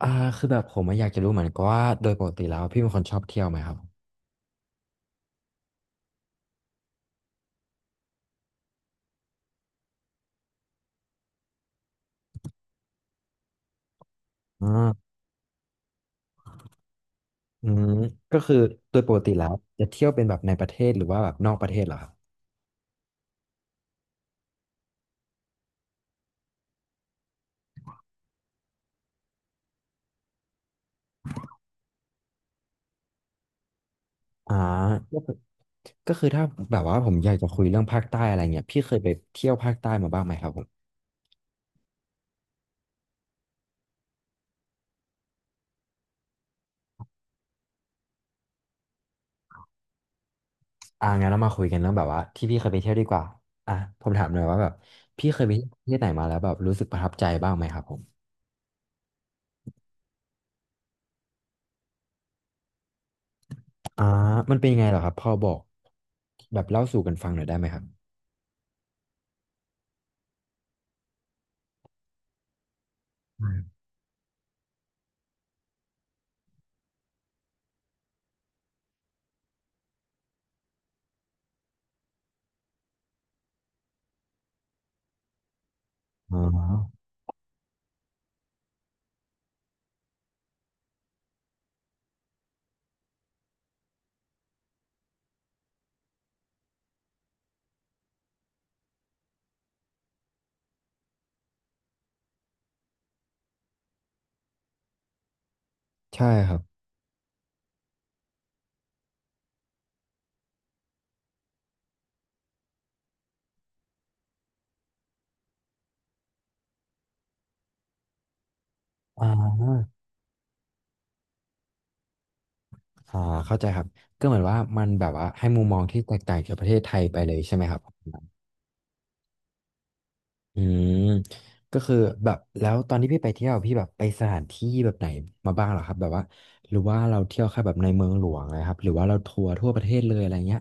อ่าคือแบบผมอะอยากจะรู้เหมือนกันว่าโดยปกติแล้วพี่เป็นคนชอบเที่ยวไหมครับอ่าอืมก็คือโดยปกติแล้วจะเที่ยวเป็นแบบในประเทศหรือว่าแบบนอกประเทศเหรอครับอ่าก็คือก็คือถ้าแบบว่าผมอยากจะคุยเรื่องภาคใต้อะไรเงี้ยพี่เคยไปเที่ยวภาคใต้มาบ้างไหมครับผมงั้นเรามาคุยกันเรื่องแบบว่าที่พี่เคยไปเที่ยวดีกว่าอ่ะผมถามหน่อยว่าแบบพี่เคยไปเที่ยวประเทศไหนมาแล้วแบบรู้สึกประทับใจบ้างไหมครับผมอ่ามันเป็นยังไงเหรอครับพอบอกแบบเล่าสู่กันฟังหน่อยได้ไหมครับอ๋อใช่ครับ อ่าอ่าเข้าใจครับก็เหมือนว่ามันแบบว่าให้มุมมองที่แตกต่างจากประเทศไทยไปเลยใช่ไหมครับอืมก็คือแบบแล้วตอนที่พี่ไปเที่ยวพี่แบบไปสถานที่แบบไหนมาบ้างเหรอครับแบบว่าหรือว่าเราเที่ยวแค่แบบในเมืองหลวงนะครับหรือว่าเราทัวร์ทั่วประเทศเลยอะไรเงี้ย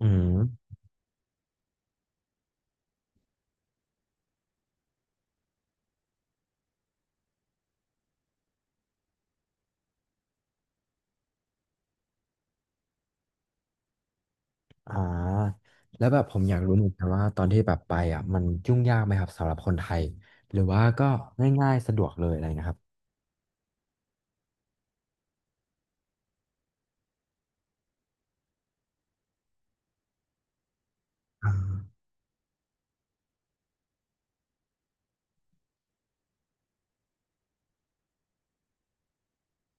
อืมอ่าแล้วแบบผมอยากรู้เหมือนกันว่าตอนที่แบบไปอ่ะมันยุ่งยากไหมครับสำหรับคนไทยหรือว่าก็ง่ายๆสะดวกเลยอะไรนะครับ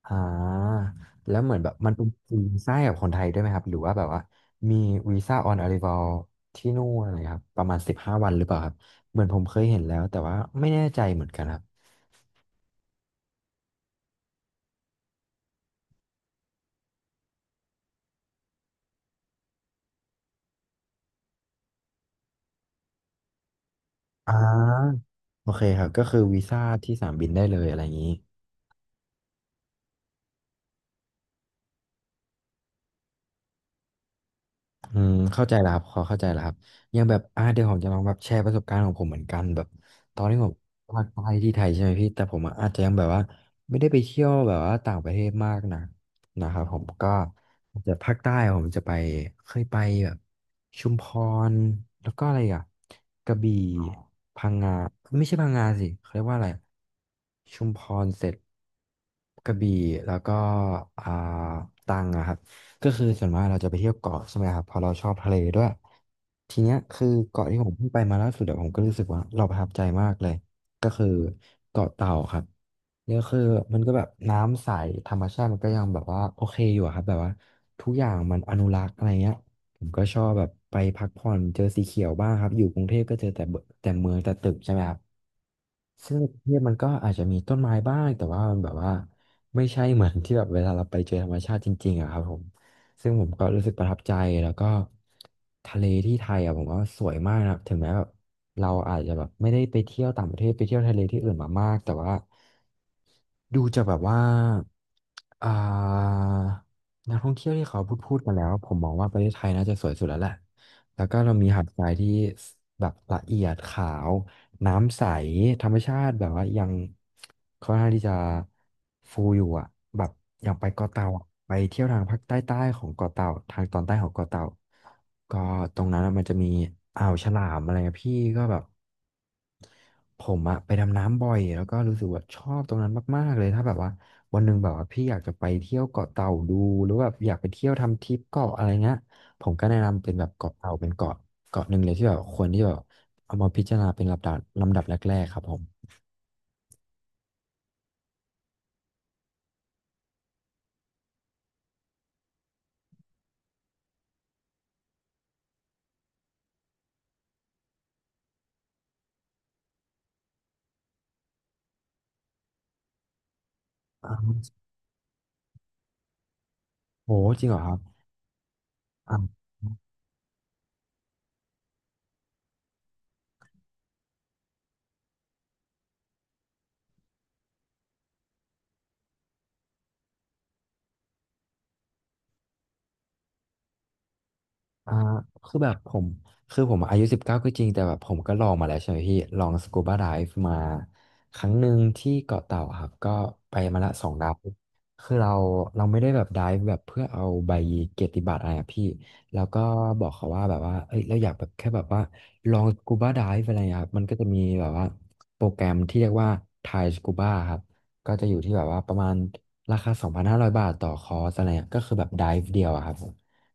อ่าแล้วเหมือนแบบมันเป็นวีซ่ากับคนไทยด้วยไหมครับหรือว่าแบบว่ามีวีซ่าออนอา r ร i ว a ลที่นู่นอะไรครับประมาณ15 วันหรือเปล่าครับเหมือนผมเคยเห็นแล้วแต่ว่าไม่แน่ใจเหมือนกันครับอ่าโอเคครับก็คือวีซ่าที่สนามบินได้เลยอะไรอย่างนี้ อืมเข้าใจแล้วครับขอเข้าใจแล้วครับยังแบบเดี๋ยวผมจะลองแบบแชร์ประสบการณ์ของผมเหมือนกันแบบตอนที่ผมภาคใต้ที่ไทยใช่ไหมพี่แต่ผมอะอาจจะยังแบบว่าไม่ได้ไปเที่ยวแบบว่าต่างประเทศมากนะครับผมก็อาจจะภาคใต้ผมจะไปเคยไปแบบชุมพรแล้วก็อะไรอ่ะกระบี่พังงาไม่ใช่พังงาสิเขาเรียกว่าอะไรชุมพรเสร็จกระบี่แล้วก็อ่าตรังอะครับ ก็คือส่วนมากเราจะไปเที่ยวเกาะใช่ไหมครับเพอเราชอบทะเลด้วยทีเนี้ยคือเกาะที่ผมเพิ่งไปมาล่าสุดอะผมก็รู้สึกว่าเราประทับใจมากเลยก็คือเกาะเต่าครับเนี่ยคือมันก็แบบน้ำใสธรรมชาติมันก็ยังแบบว่าโอเคอยู่อะครับแบบว่าทุกอย่างมันอนุรักษ์อะไรเงี้ยผมก็ชอบแบบไปพักผ่อนเจอสีเขียวบ้างครับอยู่กรุงเทพก็เจอแต่แต่เมืองแต่ตึกใช่ไหมครับซึ่งกรุงเทพมันก็อาจจะมีต้นไม้บ้างแต่ว่ามันแบบว่าไม่ใช่เหมือนที่แบบเวลาเราไปเจอธรรมชาติจริงๆอะครับผม ซึ่งผมก็รู้สึกประทับใจแล้วก็ทะเลที่ไทยอ่ะผมว่าสวยมากนะครับถึงแม้แบบเราอาจจะแบบไม่ได้ไปเที่ยวต่างประเทศไปเที่ยวทะเลที่อื่นมามากแต่ว่าดูจะแบบว่าอ่านักท่องเที่ยวที่เขาพูดมาแล้วผมมองว่าประเทศไทยน่าจะสวยสุดแล้วแหละ แล้วก็เรามีหาดทรายที่แบบละเอียดขาวน้ำใสธรรมชาติแบบว่ายังค่อนข้างที่จะฟูอยู่อ่ะแบบอย่างไปเกาะเต่าอะไปเที่ยวทางภาคใต้ใต้ของเกาะเต่าทางตอนใต้ของเกาะเต่าก็ตรงนั้นอะมันจะมีอ่าวฉลามอะไรเงี้ยพี่ก็แบบ ผมอะไปดำน้ำบ่อยแล้วก็รู้สึกว่าชอบตรงนั้นมากๆเลยถ้าแบบว่าวันหนึ่งแบบว่าพี่อยากจะไปเที่ยวเกาะเต่าดูหรือแบบอยากไปเที่ยวทำทริปเกาะอะไรเงี้ยผมก็แนะนำเป็นแบบเกาะเต่าเป็นเกาะหนึ่งเลยที่แบบควรที่แบบเอามาพิจารณาเป็นลำดับแรกๆครับผมอ้าโหจริงเหรอครับอ่า อ่าคือแบบผมอายุสิบเก้าก็จริงแต่แบบผมก็ลองมาแล้วใช่ไหมพี่ลองสกูบาไดฟ์มาครั้งหนึ่งที่เกาะเต่าครับก็ไปมาละสองดาวคือเราไม่ได้แบบไดฟ์แบบเพื่อเอาใบเกียรติบัตรอะไรอะพี่แล้วก็บอกเขาว่าแบบว่าเอ้ยเราอยากแบบแค่แบบว่าลองสกูบาไดฟ์อะไรอะครับมันก็จะมีแบบว่าโปรแกรมที่เรียกว่าไทยสกูบาครับก็จะอยู่ที่แบบว่าประมาณราคา2,500บาทต่อคอร์สอะไรเงี้ยก็คือแบบไดฟ์เดียวอะครับ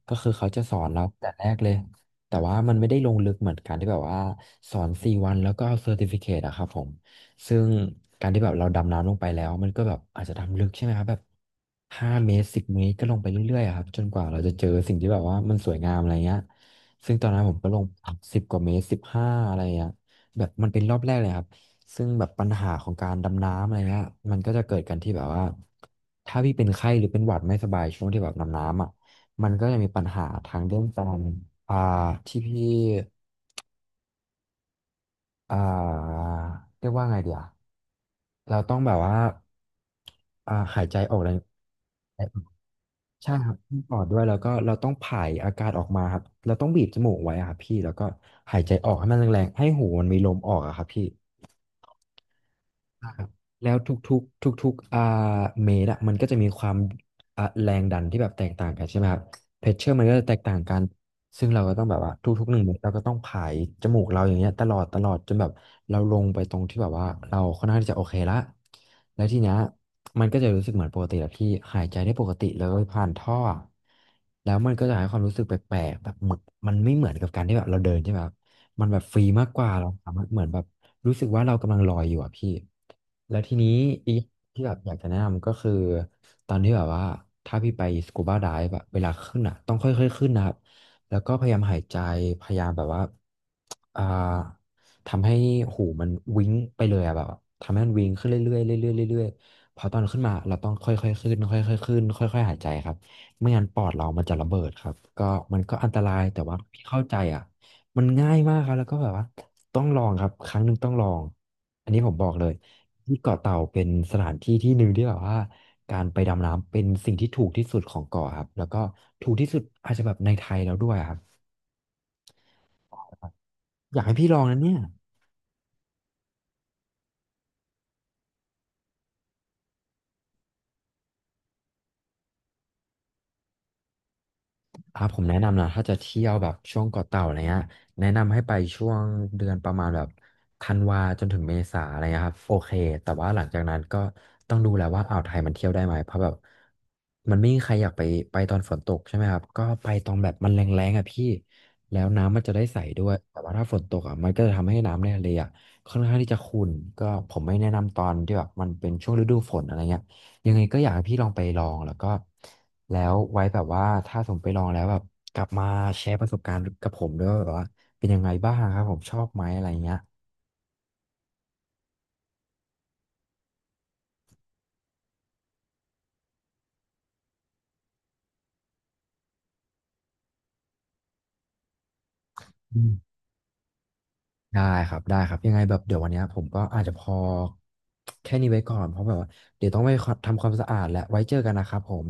ก็คือเขาจะสอนเราแต่แรกเลย แต่ว่ามันไม่ได้ลงลึกเหมือนการที่แบบว่าสอนสี่วันแล้วก็เอาเซอร์ติฟิเคตอะครับผมซึ่งการที่แบบเราดำน้ำลงไปแล้วมันก็แบบอาจจะดำลึกใช่ไหมครับแบบห้าเมตรสิบเมตรก็ลงไปเรื่อยๆอะครับจนกว่าเราจะเจอสิ่งที่แบบว่ามันสวยงามอะไรเงี้ยซึ่งตอนนั้นผมก็ลงสิบกว่าเมตรสิบห้าอะไรเงี้ยแบบมันเป็นรอบแรกเลยครับ ซึ่งแบบปัญหาของการดำน้ำอะไรเงี้ยมันก็จะเกิดกันที่แบบว่าถ้าพี่เป็นไข้หรือเป็นหวัดไม่สบายช่วงที่แบบดำน้ำอ่ะ มันก็ยังมีปัญหาทางเรื่องการอ่าที่พี่อ่าเรียกว่าไงเดียวเราต้องแบบว่าหายใจออกแรงใช่ครับท่ปอดด้วยแล้วก็เราต้องผายอากาศออกมาครับเราต้องบีบจมูกไว้อะครับพี่แล้วก็หายใจออกให้มันแรงๆให้หูมันมีลมออกอะครับพี่ครับแล้วทุกๆทุกๆเมตรอะมันก็จะมีความแรงดันที่แบบแตกต่างกันใช่ไหมครับเพชเชอร์มันก็จะแตกต่างกัน ซึ่งเราก็ต้องแบบว่าทุกๆหนึ่งเมตรเราก็ต้องผายจมูกเราอย่างเงี้ยตลอดจนแบบเราลงไปตรงที่แบบว่าเราค่อนข้างที่จะโอเคละแล้วทีเนี้ยมันก็จะรู้สึกเหมือนปกติแบบที่หายใจได้ปกติเลยผ่านท่อแล้วมันก็จะให้ความรู้สึกแปลกๆแบบเหมือนมันไม่เหมือนกับการที่แบบเราเดินใช่ไหมครับมันแบบฟรีมากกว่าเราสามารถเหมือนแบบรู้สึกว่าเรากำลังลอยอยู่อะพี่แล้วทีนี้อีกที่แบบอยากจะแนะนำก็คือตอนที่แบบว่าถ้าพี่ไปสกูบาไดฟ์อะเวลาขึ้นอะต้องค่อยๆขึ้นนะครับ แล้วก็พยายามหายใจพยายามแบบว่าอ่าทำให้หูมันวิ้งไปเลยอะแบบว่าทำให้มันวิ้งขึ้นเรื่อยๆเรื่อยๆเรื่อยๆพอตอนขึ้นมาเราต้องค่อยๆขึ้นค่อยๆขึ้นค่อยๆหายใจครับไม่งั้นปอดเรามันจะระเบิดครับก็มันก็อันตรายแต่ว่าพี่เข้าใจอ่ะมันง่ายมากครับแล้วก็แบบว่าต้องลองครับครั้งหนึ่งต้องลองอันนี้ผมบอกเลยที่เกาะเต่าเป็นสถานที่ที่หนึ่งที่แบบว่า การไปดำน้ำเป็นสิ่งที่ถูกที่สุดของเกาะครับแล้วก็ถูกที่สุดอาจจะแบบในไทยแล้วด้วยครับอยากให้พี่ลองนะเนี่ย ผมแนะนำนะถ้าจะเที่ยวแบบช่วงเกาะเต่าอะไรเงี้ยแนะนำให้ไปช่วงเดือนประมาณแบบธันวาจนถึงเมษาอะไรเงี้ยครับโอเคแต่ว่าหลังจากนั้นก็ต้องดูแล้วว่าอ่าวไทยมันเที่ยวได้ไหมเพราะแบบมันไม่มีใครอยากไปตอนฝนตกใช่ไหมครับก็ไปตอนแบบมันแรงๆอ่ะพี่แล้วน้ำมันจะได้ใสด้วยแต่ว่าถ้าฝนตกอ่ะมันก็จะทำให้น้ำในทะเลอ่ะค่อนข้างที่จะขุ่นก็ผมไม่แนะนำตอนที่แบบมันเป็นช่วงฤดูฝนอะไรเงี้ย ยังไงก็อยากให้พี่ลองไปลองแล้วก็แล้วไว้แบบว่าถ้าสมไปลองแล้วแบบกลับมาแชร์ประสบการณ์กับผมด้วยว่าแบบว่าเป็นยังไงบ้างครับผมชอบไหมอะไรเงี้ยอืมได้ครับได้ครับยังไงแบบเดี๋ยววันเนี้ยผมก็อาจจะพอแค่นี้ไว้ก่อนเพราะแบบว่าเดี๋ยวต้องไปทำความสะอาดและไว้เจอกันนะครับผม